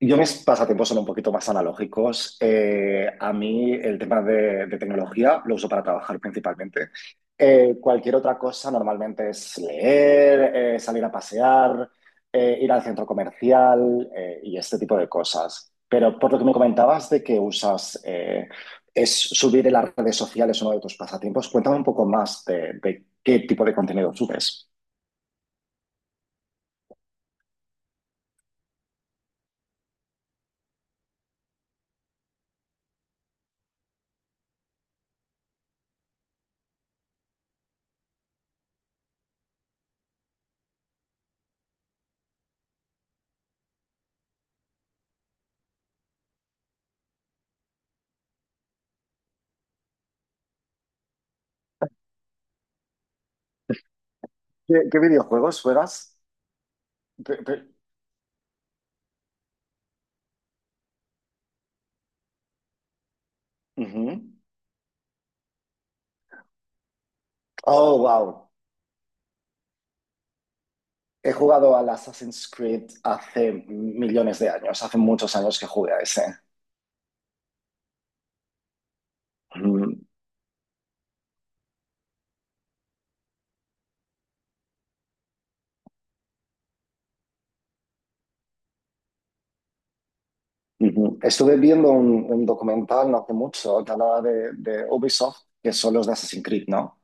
Yo mis pasatiempos son un poquito más analógicos. A mí el tema de tecnología lo uso para trabajar principalmente. Cualquier otra cosa normalmente es leer, salir a pasear, ir al centro comercial, y este tipo de cosas. Pero por lo que me comentabas de que usas, es subir en las redes sociales uno de tus pasatiempos. Cuéntame un poco más de qué tipo de contenido subes. ¿¿Qué videojuegos juegas? Pe- pe- Ujú. Oh, wow. He jugado al Assassin's Creed hace millones de años, hace muchos años que jugué a ese. Mm, ujú. Estuve viendo un documental no hace mucho que hablaba de Ubisoft, que son los de Assassin's Creed, ¿no?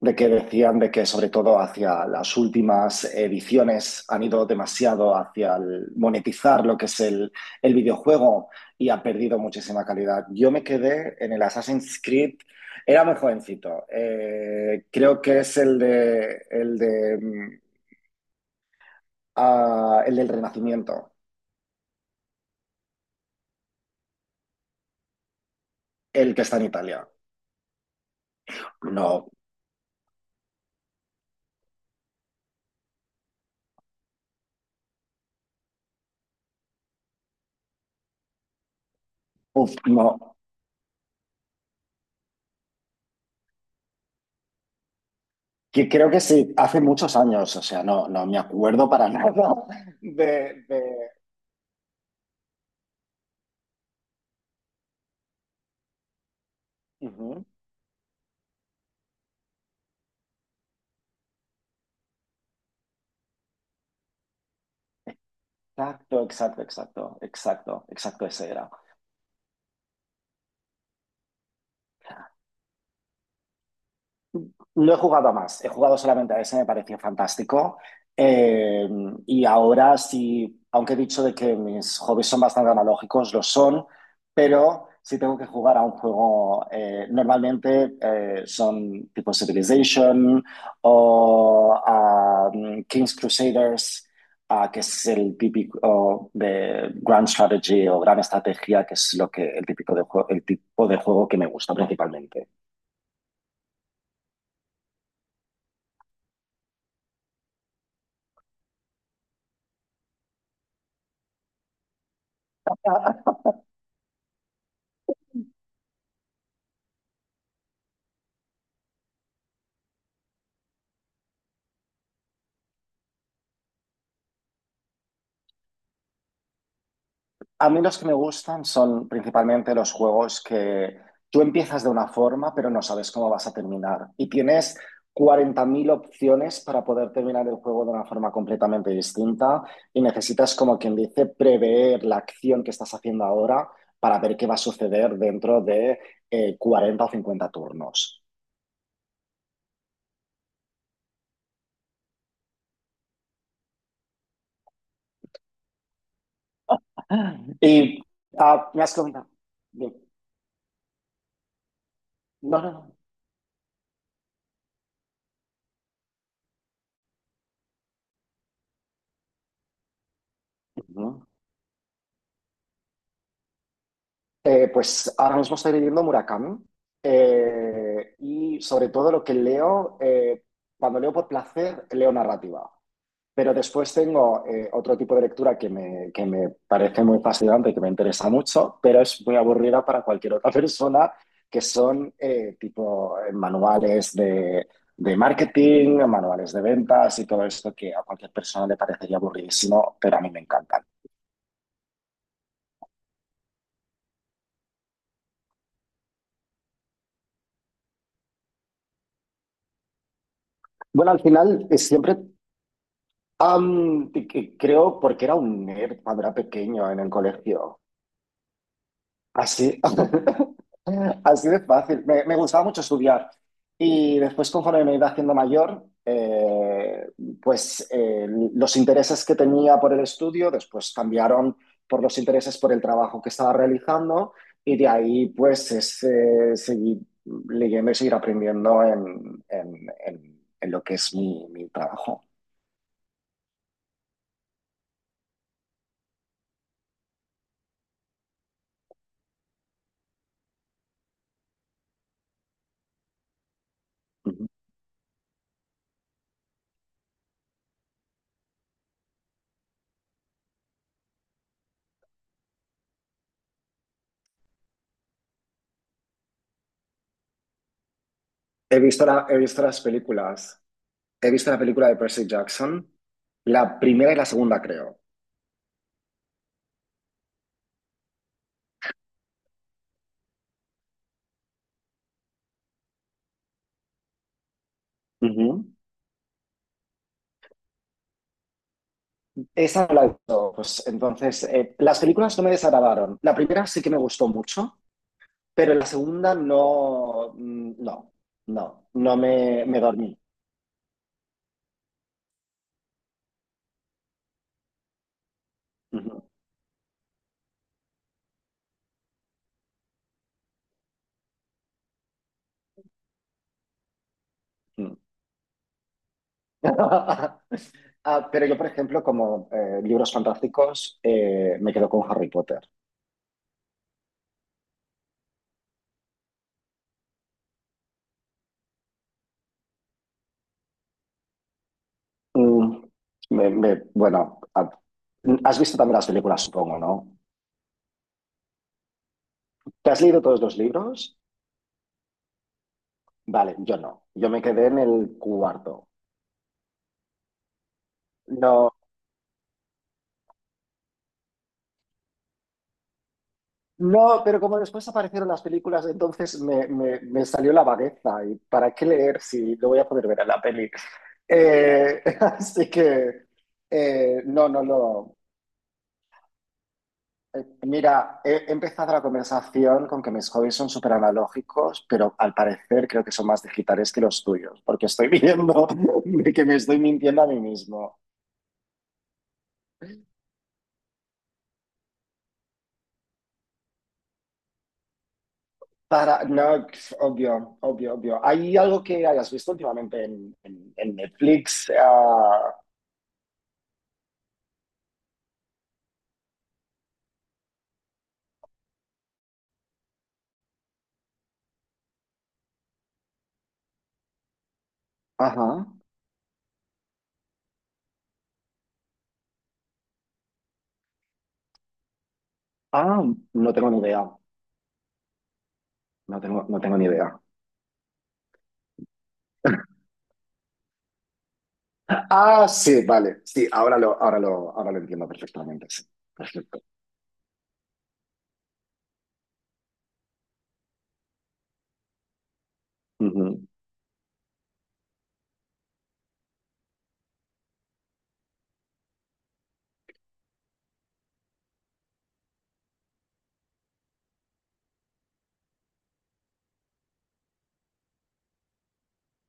De que decían de que sobre todo hacia las últimas ediciones han ido demasiado hacia el monetizar lo que es el videojuego y ha perdido muchísima calidad. Yo me quedé en el Assassin's Creed, era muy jovencito, creo que es el de, el del Renacimiento, el que está en Italia. No, uf, no. Que creo que sí, hace muchos años, o sea, no, no me acuerdo para nada de, de- Ujú. Exacto, exacto, exacto, exacto, exacto, ese era. No he jugado a más, he jugado solamente a ese, me pareció fantástico. Eh, y ahora sí, aunque he dicho de que mis hobbies son bastante analógicos, lo son, pero si tengo que jugar a un juego, normalmente son tipo Civilization o a King's Crusaders, ah, que es el típico de Grand Strategy o Gran Estrategia, que es lo que, el típico de el tipo de juego que me gusta principalmente. A mí los que me gustan son principalmente los juegos que tú empiezas de una forma, pero no sabes cómo vas a terminar. Y tienes 40 000 opciones para poder terminar el juego de una forma completamente distinta y necesitas, como quien dice, prever la acción que estás haciendo ahora para ver qué va a suceder dentro de 40 o 50 turnos. Y me has comentado. No, no, no. Pues ahora mismo estoy leyendo Murakami, y sobre todo lo que leo, cuando leo por placer, leo narrativa. Pero después tengo otro tipo de lectura que me parece muy fascinante y que me interesa mucho, pero es muy aburrida para cualquier otra persona, que son tipo manuales de marketing, manuales de ventas y todo esto que a cualquier persona le parecería aburridísimo, pero a mí me encantan. Bueno, al final siempre de que creo porque era un nerd cuando era pequeño en el colegio. Así, así de fácil. Me gustaba mucho estudiar. Y después, conforme me iba haciendo mayor, pues eh, los intereses que tenía por el estudio después cambiaron por los intereses por el trabajo que estaba realizando. Y de ahí, pues, seguir leyendo y seguir aprendiendo en lo que es mi trabajo. He visto he visto las películas. He visto la película de Percy Jackson, la primera y la segunda, creo. Ujú. Esa no la he visto. Pues, entonces, las películas no me desagradaron. La primera sí que me gustó mucho, pero la segunda no, no me, me dormí. Ujú, mm. Ah, pero yo, por ejemplo, como libros fantásticos, me quedo con Harry Potter. Mm, bueno, has visto también las películas, supongo, ¿no? ¿Te has leído todos los libros? Vale, yo no. Yo me quedé en el cuarto. No, no, pero como después aparecieron las películas, entonces me salió la vagueza. ¿Y para qué leer si lo voy a poder ver en la peli? Así que, no, no lo. Mira, he empezado la conversación con que mis hobbies son súper analógicos, pero al parecer creo que son más digitales que los tuyos, porque estoy viendo que me estoy mintiendo a mí mismo. No, obvio, obvio, obvio. ¿Hay algo que hayas visto últimamente en Netflix? Ah, ajá. Ah, no tengo ni idea. No tengo, no tengo ni idea. Ah, sí, vale. Sí, ahora lo entiendo perfectamente. Sí. Perfecto. Ujú,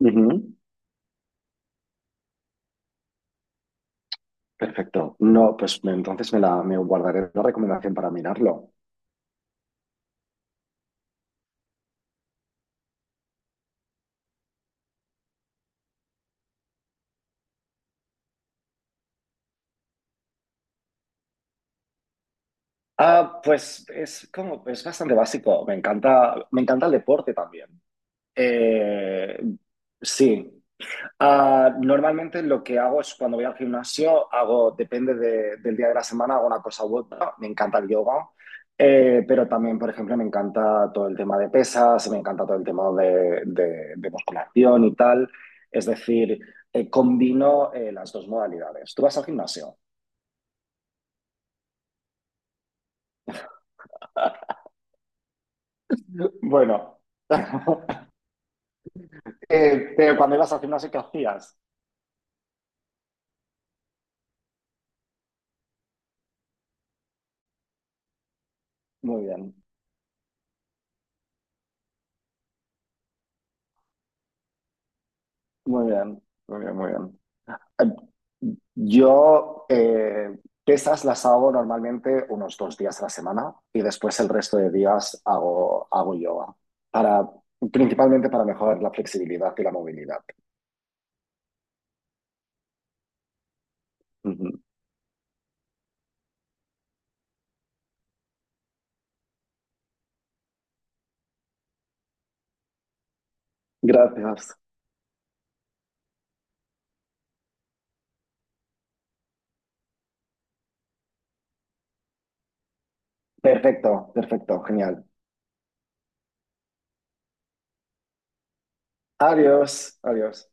ujú. Perfecto. No, entonces me guardaré la recomendación para mirarlo. Ah, pues es como, es bastante básico. Me encanta el deporte también. Eh, sí. Normalmente lo que hago es cuando voy al gimnasio, hago, depende del día de la semana, hago una cosa u otra. Me encanta el yoga, pero también, por ejemplo, me encanta todo el tema de pesas, me encanta todo el tema de musculación y tal. Es decir, combino las dos modalidades. ¿Tú vas al gimnasio? Bueno, pero cuando ibas al gimnasio, ¿qué hacías? Muy bien, muy bien, muy bien, muy bien. Yo pesas las hago normalmente unos 2 días a la semana y después el resto de días hago, hago yoga, para, principalmente para mejorar la flexibilidad y la movilidad. Ujú. Gracias. Perfecto, perfecto, genial. Adiós, adiós.